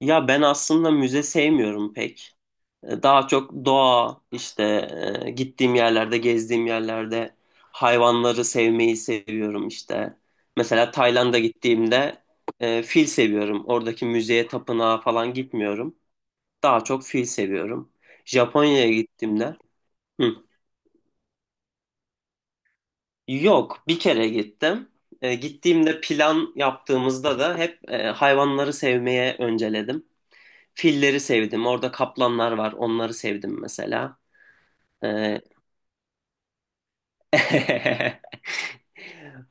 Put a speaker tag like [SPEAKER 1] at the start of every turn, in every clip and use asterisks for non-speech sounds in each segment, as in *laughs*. [SPEAKER 1] Ya ben aslında müze sevmiyorum pek. Daha çok doğa, işte gittiğim yerlerde, gezdiğim yerlerde hayvanları sevmeyi seviyorum işte. Mesela Tayland'a gittiğimde fil seviyorum. Oradaki müzeye, tapınağa falan gitmiyorum. Daha çok fil seviyorum. Japonya'ya gittiğimde... Hı. Yok, bir kere gittim. Gittiğimde plan yaptığımızda da hep hayvanları sevmeye önceledim. Filleri sevdim. Orada kaplanlar var. Onları sevdim mesela. Ee, *laughs*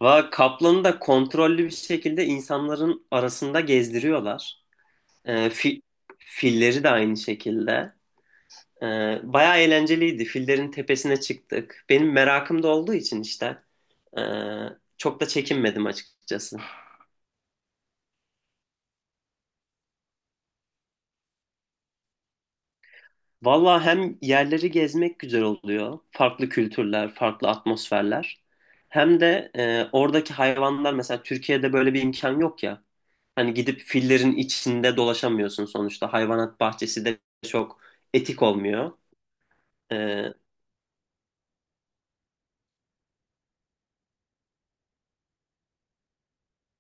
[SPEAKER 1] kaplanı da kontrollü bir şekilde insanların arasında gezdiriyorlar. Ee, fi- filleri de aynı şekilde. Bayağı eğlenceliydi. Fillerin tepesine çıktık. Benim merakım da olduğu için işte ee, çok da çekinmedim açıkçası. Valla, hem yerleri gezmek güzel oluyor. Farklı kültürler, farklı atmosferler. Hem de oradaki hayvanlar, mesela Türkiye'de böyle bir imkan yok ya. Hani gidip fillerin içinde dolaşamıyorsun sonuçta. Hayvanat bahçesi de çok etik olmuyor. E,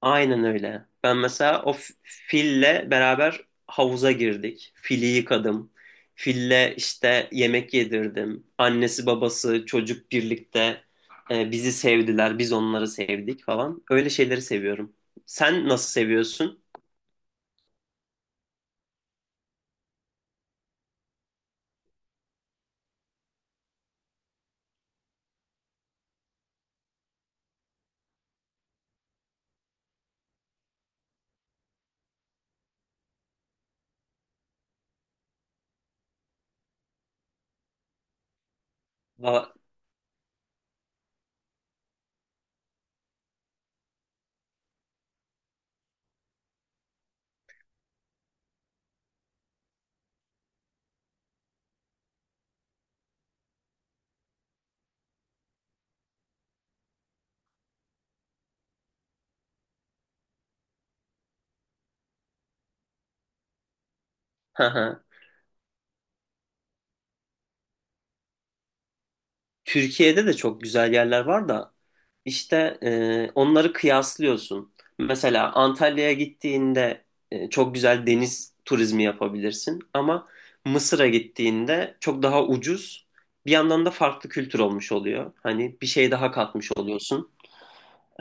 [SPEAKER 1] Aynen öyle. Ben mesela o fille beraber havuza girdik. Fili yıkadım. Fille işte yemek yedirdim. Annesi, babası, çocuk birlikte bizi sevdiler. Biz onları sevdik falan. Öyle şeyleri seviyorum. Sen nasıl seviyorsun? Va- *laughs* Hı hı. Türkiye'de de çok güzel yerler var da İşte onları kıyaslıyorsun. Mesela Antalya'ya gittiğinde çok güzel deniz turizmi yapabilirsin ama Mısır'a gittiğinde çok daha ucuz. Bir yandan da farklı kültür olmuş oluyor. Hani bir şey daha katmış oluyorsun.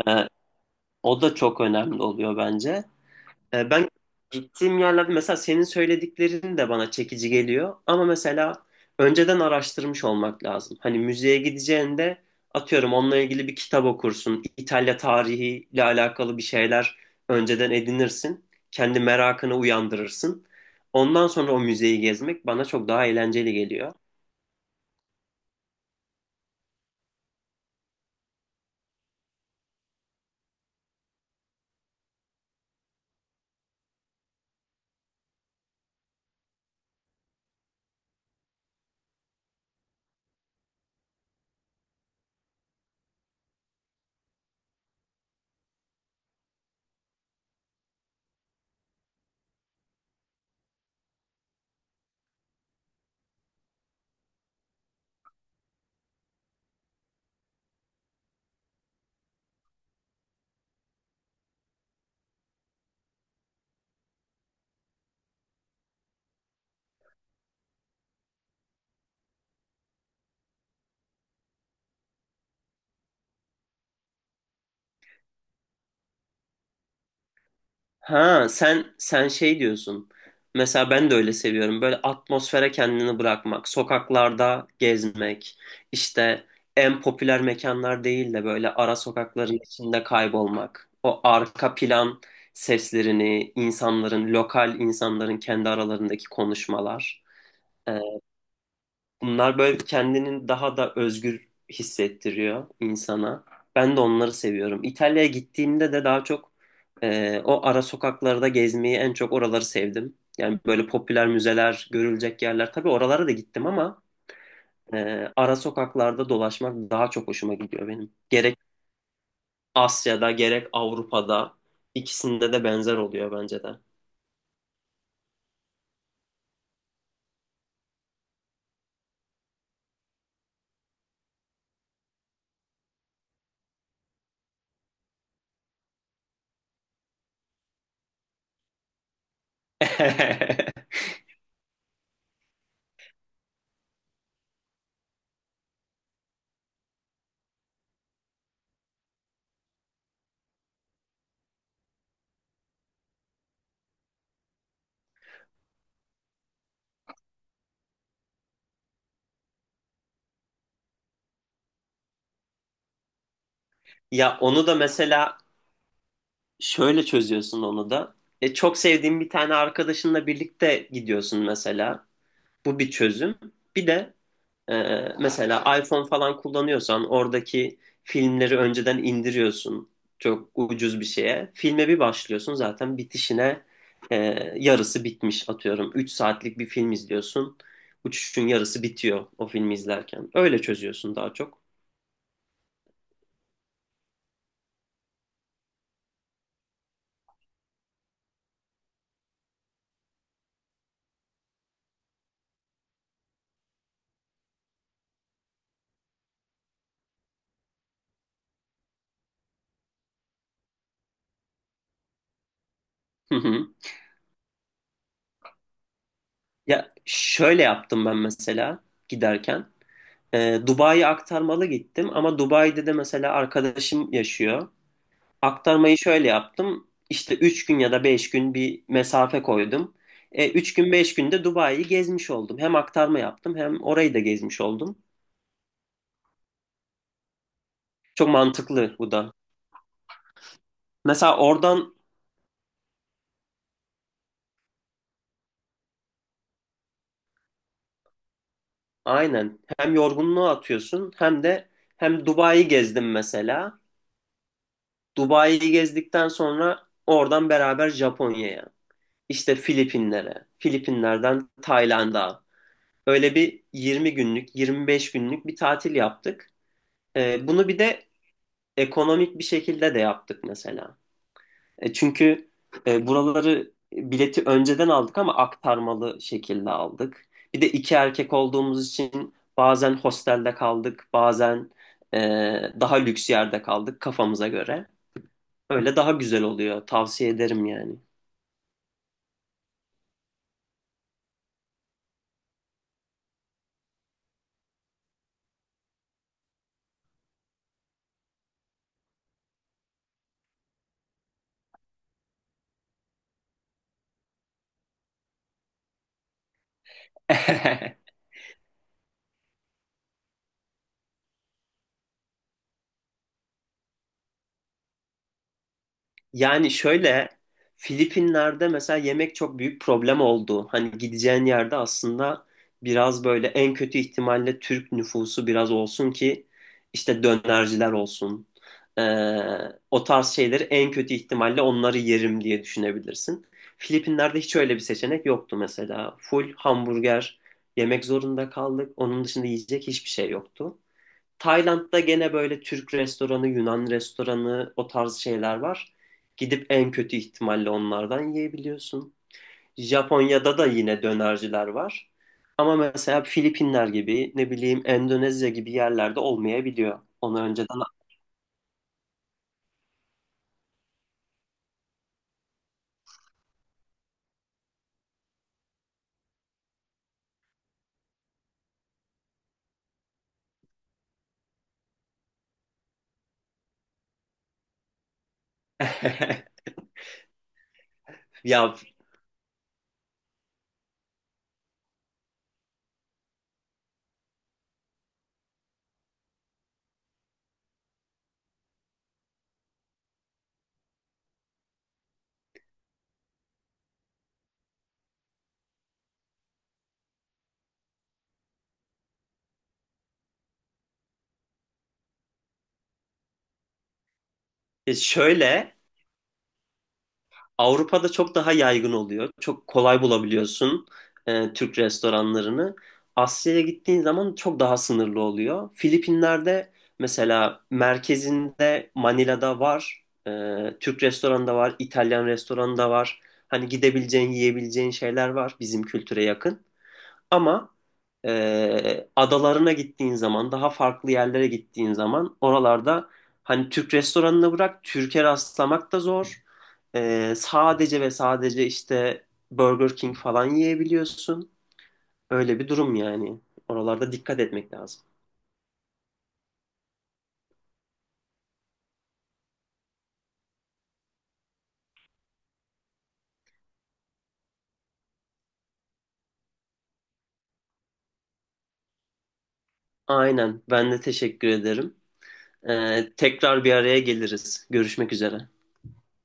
[SPEAKER 1] E, o da çok önemli oluyor bence. Ben gittiğim yerlerde, mesela senin söylediklerin de bana çekici geliyor. Ama mesela önceden araştırmış olmak lazım. Hani müzeye gideceğinde, atıyorum, onunla ilgili bir kitap okursun. İtalya tarihiyle alakalı bir şeyler önceden edinirsin. Kendi merakını uyandırırsın. Ondan sonra o müzeyi gezmek bana çok daha eğlenceli geliyor. Ha, sen şey diyorsun. Mesela ben de öyle seviyorum. Böyle atmosfere kendini bırakmak, sokaklarda gezmek, işte en popüler mekanlar değil de böyle ara sokakların içinde kaybolmak. O arka plan seslerini, insanların, lokal insanların kendi aralarındaki konuşmalar. Bunlar böyle kendini daha da özgür hissettiriyor insana. Ben de onları seviyorum. İtalya'ya gittiğimde de daha çok o ara sokaklarda gezmeyi, en çok oraları sevdim. Yani böyle popüler müzeler, görülecek yerler. Tabii oralara da gittim ama ara sokaklarda dolaşmak daha çok hoşuma gidiyor benim. Gerek Asya'da gerek Avrupa'da ikisinde de benzer oluyor bence de. *laughs* Ya, onu da mesela şöyle çözüyorsun onu da. Çok sevdiğin bir tane arkadaşınla birlikte gidiyorsun mesela. Bu bir çözüm. Bir de e, mesela iPhone falan kullanıyorsan oradaki filmleri önceden indiriyorsun. Çok ucuz bir şeye. Filme bir başlıyorsun, zaten bitişine e, yarısı bitmiş, atıyorum. 3 saatlik bir film izliyorsun. Uçuşun yarısı bitiyor o filmi izlerken. Öyle çözüyorsun daha çok. Hı hı. Ya, şöyle yaptım ben mesela giderken. Dubai'ye aktarmalı gittim ama Dubai'de de mesela arkadaşım yaşıyor. Aktarmayı şöyle yaptım. İşte 3 gün ya da 5 gün bir mesafe koydum. 3 gün 5 günde Dubai'yi gezmiş oldum. Hem aktarma yaptım hem orayı da gezmiş oldum. Çok mantıklı bu da. Mesela oradan, aynen, hem yorgunluğu atıyorsun hem de hem Dubai'yi gezdim mesela. Dubai'yi gezdikten sonra oradan beraber Japonya'ya, işte Filipinlere, Filipinlerden Tayland'a. Öyle bir 20 günlük, 25 günlük bir tatil yaptık. Bunu bir de ekonomik bir şekilde de yaptık mesela. Çünkü buraları bileti önceden aldık ama aktarmalı şekilde aldık. Bir de iki erkek olduğumuz için bazen hostelde kaldık, bazen e, daha lüks yerde kaldık kafamıza göre. Öyle daha güzel oluyor. Tavsiye ederim yani. *laughs* Yani şöyle, Filipinler'de mesela yemek çok büyük problem oldu. Hani gideceğin yerde aslında biraz böyle en kötü ihtimalle Türk nüfusu biraz olsun ki işte dönerciler olsun. Ee, o tarz şeyleri en kötü ihtimalle onları yerim diye düşünebilirsin. Filipinler'de hiç öyle bir seçenek yoktu mesela. Full hamburger yemek zorunda kaldık. Onun dışında yiyecek hiçbir şey yoktu. Tayland'da gene böyle Türk restoranı, Yunan restoranı, o tarz şeyler var. Gidip en kötü ihtimalle onlardan yiyebiliyorsun. Japonya'da da yine dönerciler var. Ama mesela Filipinler gibi, ne bileyim, Endonezya gibi yerlerde olmayabiliyor. Onu önceden... *laughs* Ya, e, şöyle, Avrupa'da çok daha yaygın oluyor. Çok kolay bulabiliyorsun Türk restoranlarını. Asya'ya gittiğin zaman çok daha sınırlı oluyor. Filipinler'de mesela merkezinde, Manila'da var. Türk restoranı da var, İtalyan restoranı da var. Hani gidebileceğin, yiyebileceğin şeyler var bizim kültüre yakın. Ama adalarına gittiğin zaman, daha farklı yerlere gittiğin zaman, oralarda hani Türk restoranını bırak, Türkiye rastlamak da zor. Sadece ve sadece işte Burger King falan yiyebiliyorsun. Öyle bir durum yani. Oralarda dikkat etmek lazım. Aynen. Ben de teşekkür ederim. Tekrar bir araya geliriz. Görüşmek üzere.